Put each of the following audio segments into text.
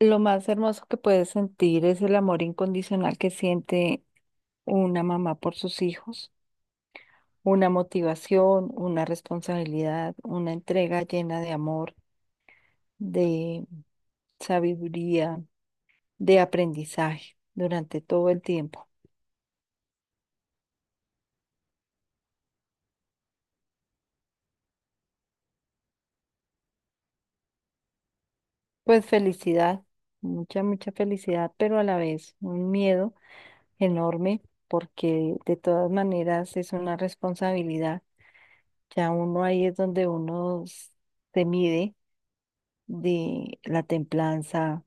Lo más hermoso que puedes sentir es el amor incondicional que siente una mamá por sus hijos, una motivación, una responsabilidad, una entrega llena de amor, de sabiduría, de aprendizaje durante todo el tiempo. Pues felicidad, mucha, mucha felicidad, pero a la vez un miedo enorme porque de todas maneras es una responsabilidad. Ya uno ahí es donde se mide de la templanza,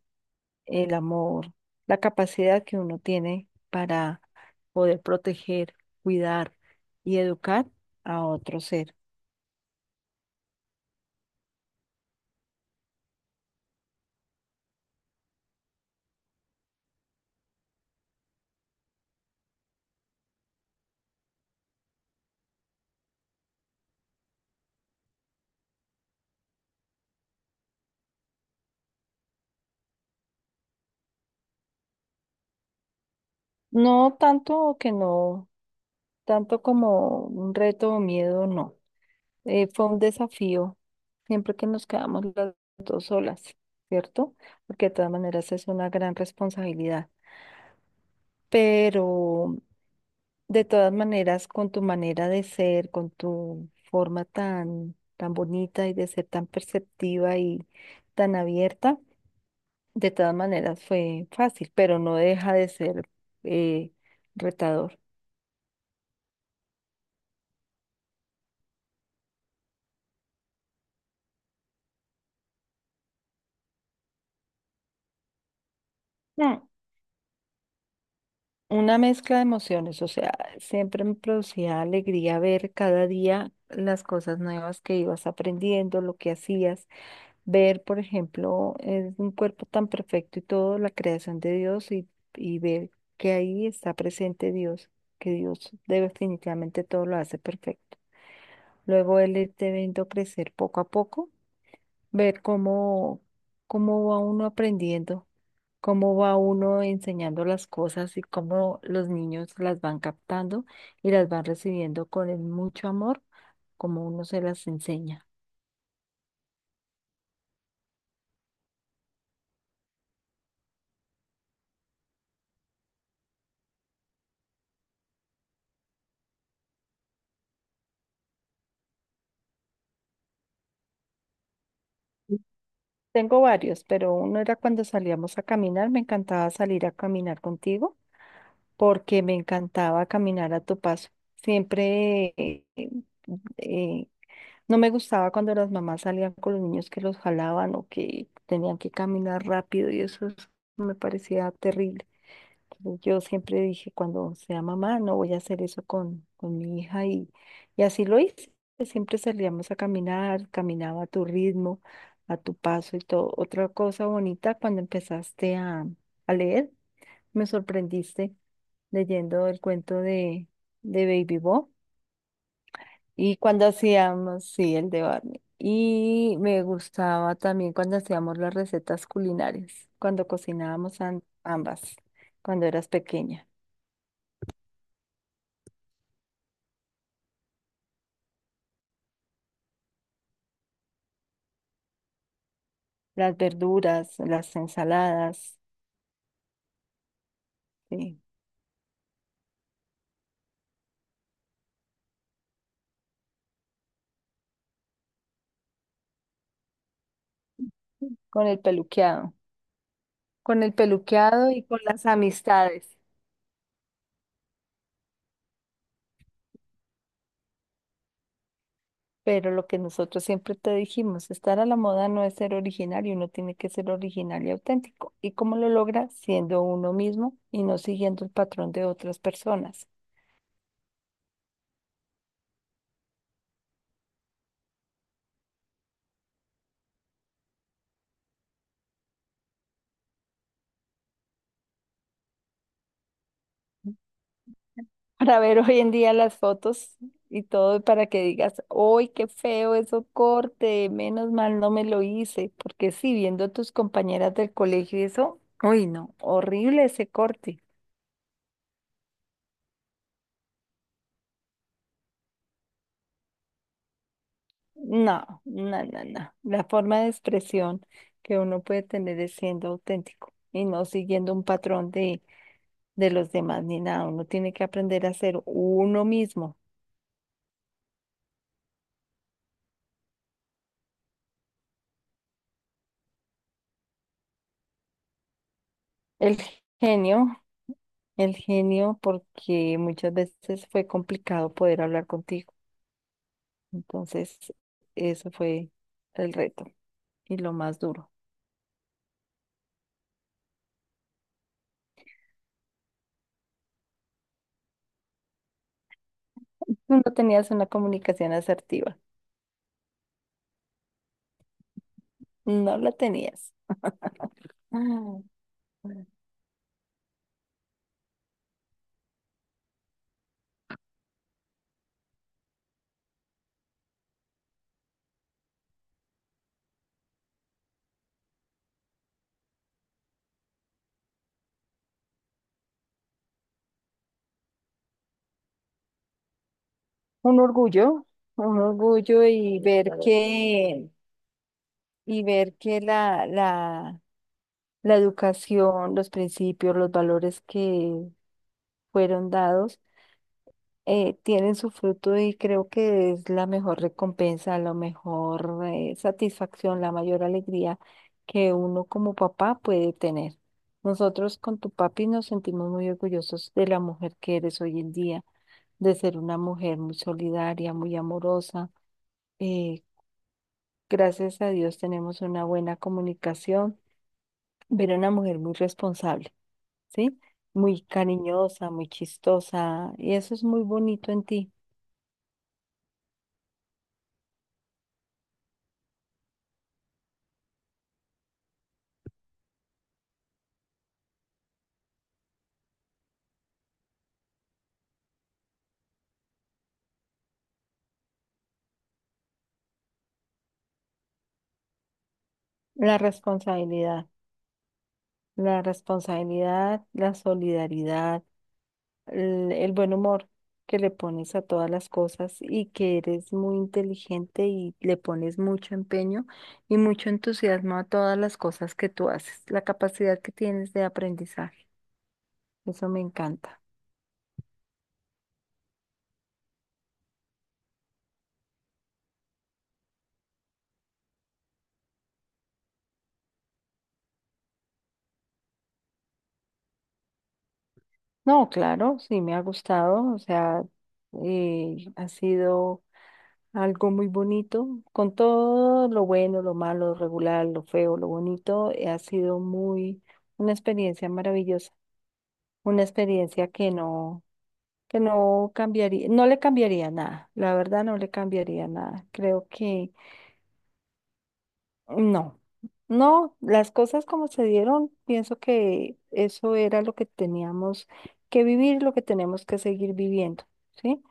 el amor, la capacidad que uno tiene para poder proteger, cuidar y educar a otro ser. No tanto que no, tanto como un reto o miedo, no. Fue un desafío siempre que nos quedamos las dos solas, ¿cierto? Porque de todas maneras es una gran responsabilidad. Pero de todas maneras, con tu manera de ser, con tu forma tan, tan bonita y de ser tan perceptiva y tan abierta, de todas maneras fue fácil, pero no deja de ser eh, retador. Mm, Una mezcla de emociones, o sea, siempre me producía alegría ver cada día las cosas nuevas que ibas aprendiendo, lo que hacías. Ver, por ejemplo, es un cuerpo tan perfecto y todo, la creación de Dios, y ver que ahí está presente Dios, que Dios definitivamente todo lo hace perfecto. Luego él irte viendo crecer poco a poco, ver cómo, cómo va uno aprendiendo, cómo va uno enseñando las cosas y cómo los niños las van captando y las van recibiendo con el mucho amor, como uno se las enseña. Tengo varios, pero uno era cuando salíamos a caminar, me encantaba salir a caminar contigo porque me encantaba caminar a tu paso. Siempre eh, no me gustaba cuando las mamás salían con los niños que los jalaban o que tenían que caminar rápido y me parecía terrible. Yo siempre dije, cuando sea mamá, no voy a hacer eso con mi hija, y así lo hice. Siempre salíamos a caminar, caminaba a tu ritmo, a tu paso y todo. Otra cosa bonita, cuando empezaste a leer, me sorprendiste leyendo el cuento de Baby Bo, y cuando hacíamos, sí, el de Barney. Y me gustaba también cuando hacíamos las recetas culinarias, cuando cocinábamos ambas, cuando eras pequeña. Las verduras, las ensaladas, sí, con el peluqueado, con el peluqueado y con las amistades. Pero lo que nosotros siempre te dijimos, estar a la moda no es ser originario, uno tiene que ser original y auténtico. ¿Y cómo lo logra? Siendo uno mismo y no siguiendo el patrón de otras personas. Para ver hoy en día las fotos y todo, para que digas, ¡ay, qué feo eso corte! Menos mal no me lo hice, porque sí, viendo a tus compañeras del colegio y eso, uy, no, horrible ese corte. No, no, no, no. La forma de expresión que uno puede tener es siendo auténtico y no siguiendo un patrón de los demás ni nada. Uno tiene que aprender a ser uno mismo. El genio, el genio, porque muchas veces fue complicado poder hablar contigo. Entonces, eso fue el reto y lo más duro. Tú no tenías una comunicación asertiva, no la tenías. Ah, un orgullo, un orgullo y ver que la educación, los principios, los valores que fueron dados tienen su fruto, y creo que es la mejor recompensa, la mejor satisfacción, la mayor alegría que uno como papá puede tener. Nosotros con tu papi nos sentimos muy orgullosos de la mujer que eres hoy en día, de ser una mujer muy solidaria, muy amorosa. Eh, Gracias a Dios tenemos una buena comunicación, pero una mujer muy responsable, ¿sí? Muy cariñosa, muy chistosa, y eso es muy bonito en ti, la responsabilidad. La responsabilidad, la solidaridad, el buen humor que le pones a todas las cosas, y que eres muy inteligente y le pones mucho empeño y mucho entusiasmo a todas las cosas que tú haces, la capacidad que tienes de aprendizaje. Eso me encanta. No, claro, sí me ha gustado, o sea, ha sido algo muy bonito, con todo lo bueno, lo malo, lo regular, lo feo, lo bonito, ha sido muy una experiencia maravillosa, una experiencia que no cambiaría, no le cambiaría nada, la verdad no le cambiaría nada. Creo que no, no, las cosas como se dieron, pienso que eso era lo que teníamos que vivir, lo que tenemos que seguir viviendo, ¿sí?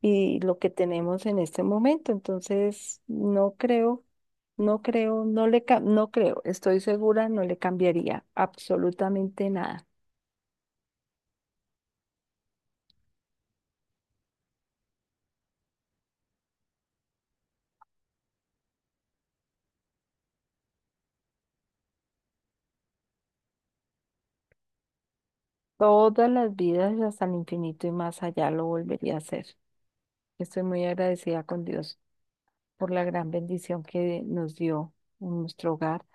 Y lo que tenemos en este momento. Entonces, no creo, no creo, no creo, estoy segura, no le cambiaría absolutamente nada. Todas las vidas hasta el infinito y más allá lo volvería a hacer. Estoy muy agradecida con Dios por la gran bendición que nos dio en nuestro hogar.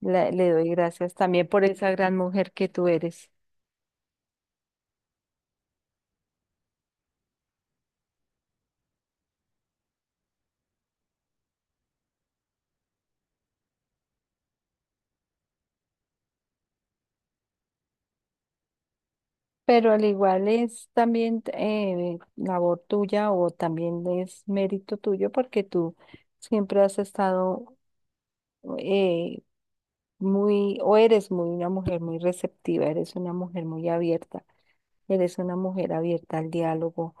Le doy gracias también por esa gran mujer que tú eres. Pero al igual es también labor tuya, o también es mérito tuyo porque tú siempre has estado eh, muy, o eres muy una mujer muy receptiva, eres una mujer muy abierta, eres una mujer abierta al diálogo,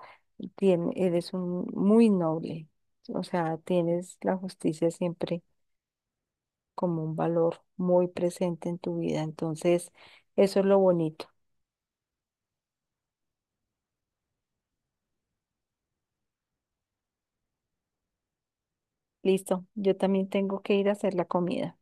eres un muy noble, o sea, tienes la justicia siempre como un valor muy presente en tu vida. Entonces, eso es lo bonito. Listo, yo también tengo que ir a hacer la comida.